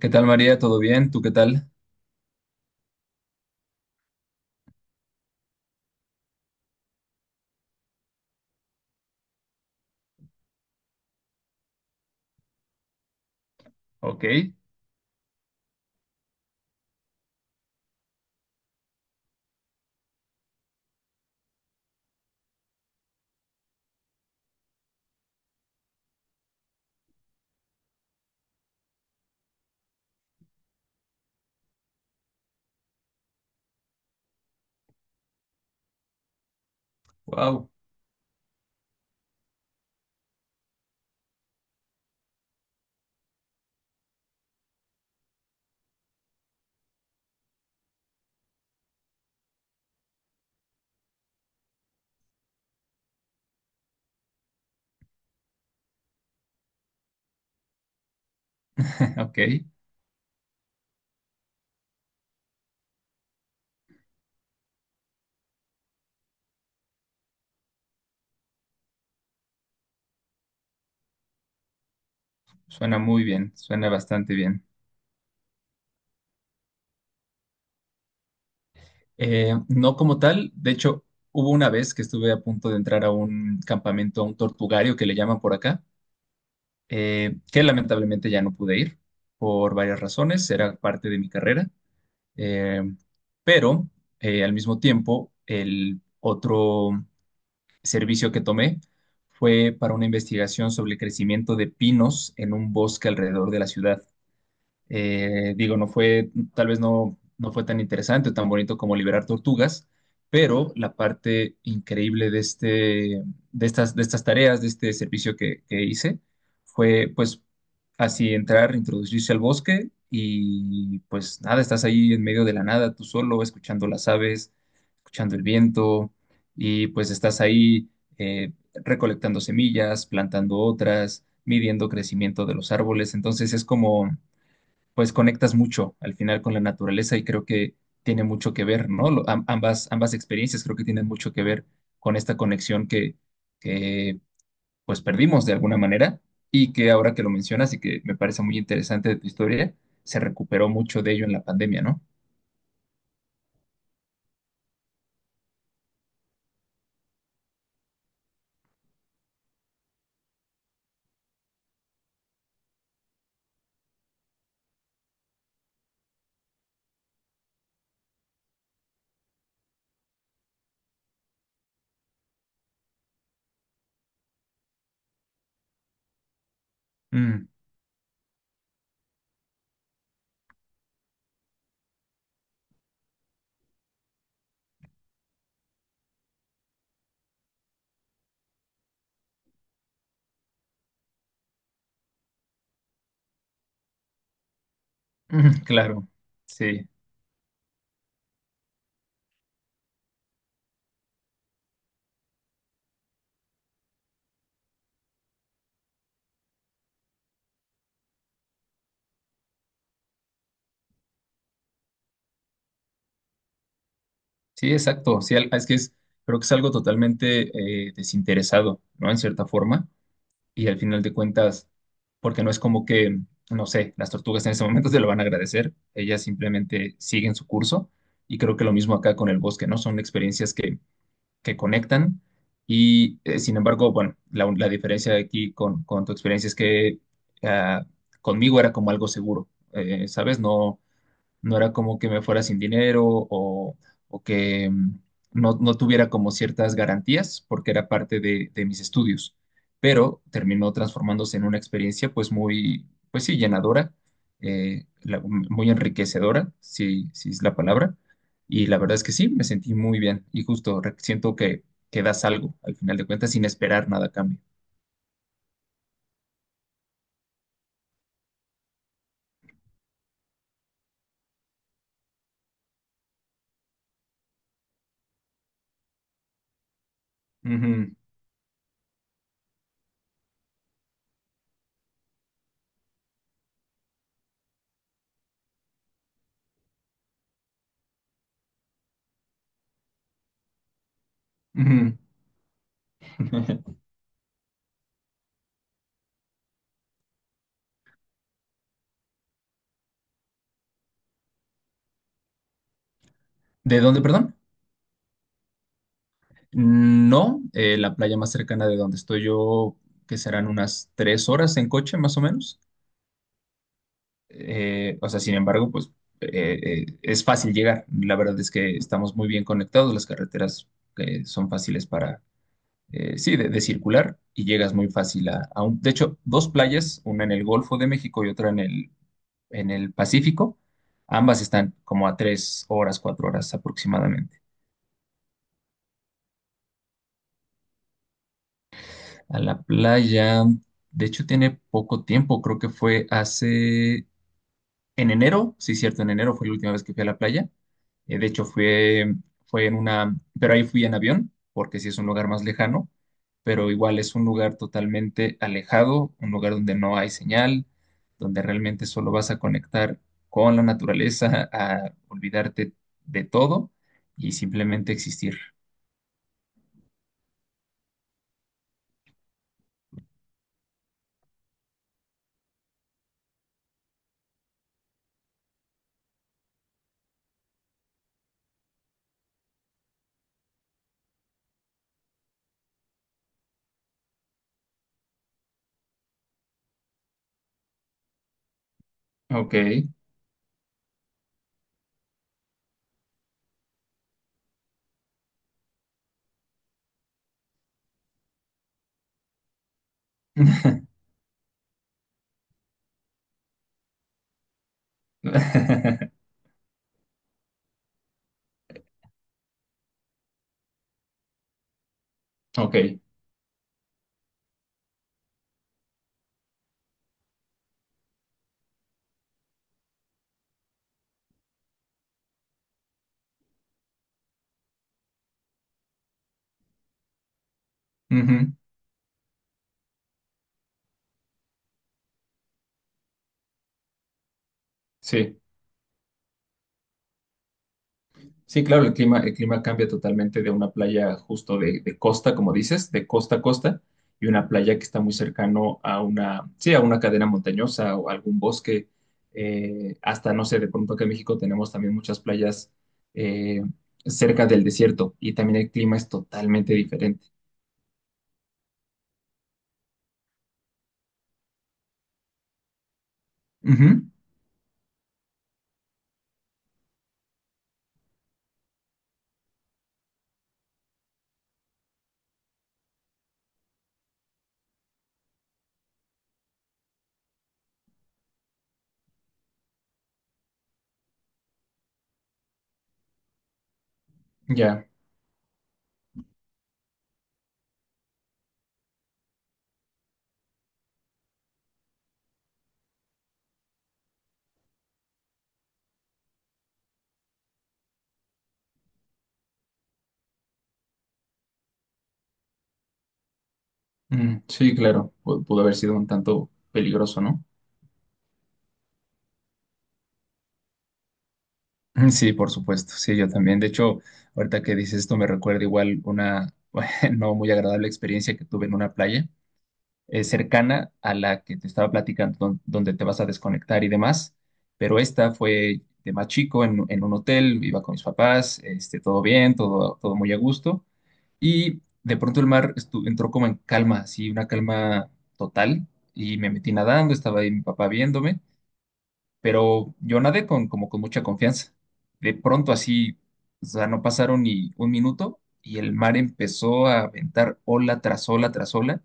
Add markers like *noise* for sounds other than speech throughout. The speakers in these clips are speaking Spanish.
¿Qué tal, María? ¿Todo bien? ¿Tú qué tal? Ok. Wow. *laughs* Ok. Suena muy bien, suena bastante bien. No como tal. De hecho, hubo una vez que estuve a punto de entrar a un campamento, a un tortugario que le llaman por acá, que lamentablemente ya no pude ir por varias razones, era parte de mi carrera. Eh, pero al mismo tiempo, el otro servicio que tomé fue para una investigación sobre el crecimiento de pinos en un bosque alrededor de la ciudad. Digo, tal vez no fue tan interesante o tan bonito como liberar tortugas, pero la parte increíble de estas tareas, de este servicio que hice, fue pues así entrar, introducirse al bosque y pues nada, estás ahí en medio de la nada, tú solo, escuchando las aves, escuchando el viento, y pues estás ahí eh, recolectando semillas, plantando otras, midiendo crecimiento de los árboles. Entonces es como pues conectas mucho al final con la naturaleza y creo que tiene mucho que ver, ¿no? Ambas, ambas experiencias creo que tienen mucho que ver con esta conexión que pues perdimos de alguna manera y que ahora que lo mencionas, y que me parece muy interesante de tu historia, se recuperó mucho de ello en la pandemia, ¿no? Mm. *laughs* Mm, claro, sí. Sí, exacto. Creo que es algo totalmente desinteresado, ¿no? En cierta forma y al final de cuentas, porque no es como que, no sé, las tortugas en ese momento te lo van a agradecer, ellas simplemente siguen su curso. Y creo que lo mismo acá con el bosque, ¿no? Son experiencias que conectan. Y sin embargo, bueno, la diferencia aquí con tu experiencia es que ah, conmigo era como algo seguro, ¿sabes? No no era como que me fuera sin dinero, o que no, no tuviera como ciertas garantías, porque era parte de mis estudios, pero terminó transformándose en una experiencia pues muy, pues sí, llenadora, muy enriquecedora, si, si es la palabra. Y la verdad es que sí, me sentí muy bien. Y justo siento que das algo al final de cuentas sin esperar nada a cambio. Ujú. Ujú. *laughs* ¿De dónde, perdón? No, la playa más cercana de donde estoy yo, que serán unas tres horas en coche más o menos. O sea, sin embargo, pues eh, es fácil llegar. La verdad es que estamos muy bien conectados. Las carreteras son fáciles para, sí, de circular, y llegas muy fácil a un... De hecho, dos playas, una en el Golfo de México y otra en en el Pacífico. Ambas están como a tres horas, cuatro horas aproximadamente. A la playa. De hecho, tiene poco tiempo, creo que fue hace en enero. Sí, cierto, en enero fue la última vez que fui a la playa. De hecho, fue en una, pero ahí fui en avión, porque sí es un lugar más lejano, pero igual es un lugar totalmente alejado, un lugar donde no hay señal, donde realmente solo vas a conectar con la naturaleza, a olvidarte de todo y simplemente existir. Ok. *laughs* Ok. Ujú. Sí, sí, claro, el clima cambia totalmente de una playa justo de costa, como dices, de costa a costa, y una playa que está muy cercano a una, sí, a una cadena montañosa o algún bosque. Hasta, no sé, de pronto que en México tenemos también muchas playas eh, cerca del desierto, y también el clima es totalmente diferente. Ujú. Ya. Mm, sí, claro, pudo haber sido un tanto peligroso, ¿no? Mm. Sí, por supuesto, sí, yo también. De hecho, ahorita que dices esto me recuerda igual una *laughs* no muy agradable experiencia que tuve en una playa cercana a la que te estaba platicando, donde te vas a desconectar y demás. Pero esta fue de más chico en un hotel, iba con mis papás, este, todo bien, todo, todo muy a gusto, y de pronto el mar entró como en calma, así, una calma total, y me metí nadando. Estaba ahí mi papá viéndome, pero yo nadé con, como con mucha confianza. De pronto así, o sea, no pasaron ni un minuto y el mar empezó a aventar ola tras ola tras ola.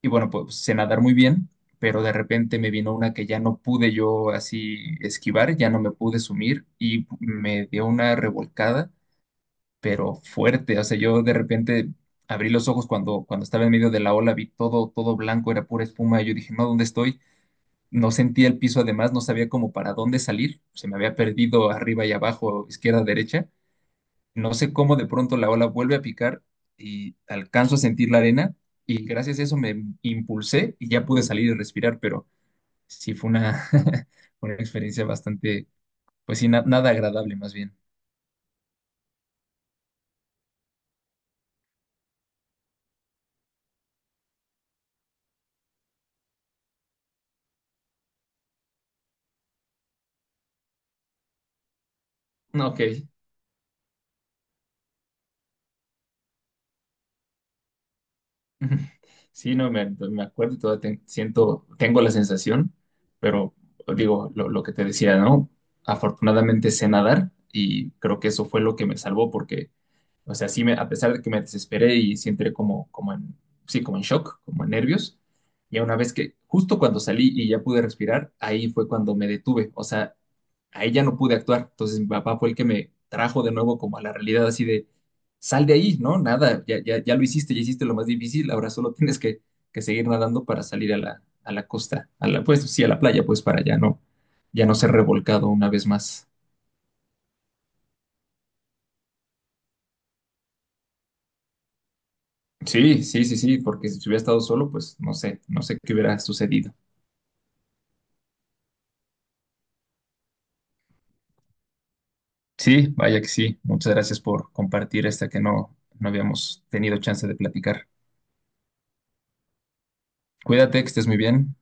Y bueno, pues sé nadar muy bien, pero de repente me vino una que ya no pude yo así esquivar, ya no me pude sumir y me dio una revolcada, pero fuerte. O sea, yo de repente abrí los ojos cuando, cuando estaba en medio de la ola, vi todo, todo blanco, era pura espuma. Y yo dije, no, ¿dónde estoy? No sentía el piso. Además, no sabía cómo para dónde salir. Se me había perdido arriba y abajo, izquierda, derecha. No sé cómo de pronto la ola vuelve a picar y alcanzo a sentir la arena, y gracias a eso me impulsé y ya pude salir y respirar. Pero sí fue una, *laughs* una experiencia bastante, pues sí, nada agradable más bien. Ok. *laughs* Ujú. Sí, no, me acuerdo y todavía siento, tengo la sensación. Pero digo, lo que te decía, ¿no? Afortunadamente sé nadar y creo que eso fue lo que me salvó, porque o sea, sí, a pesar de que me desesperé y sí entré sí, como en shock, como en nervios. Y una vez que, justo cuando salí y ya pude respirar, ahí fue cuando me detuve. O sea, ahí ya no pude actuar. Entonces mi papá fue el que me trajo de nuevo como a la realidad, así de, sal de ahí, ¿no? Nada, ya lo hiciste, ya hiciste lo más difícil, ahora solo tienes que seguir nadando para salir a la costa, a la, pues sí, a la playa, pues para ya no ser revolcado una vez más. Sí, sí, sí, sí, porque si hubiera estado solo, pues no sé, no sé qué hubiera sucedido. Sí, vaya que sí. Muchas gracias por compartir esta que no, no habíamos tenido chance de platicar. Cuídate, que estés muy bien.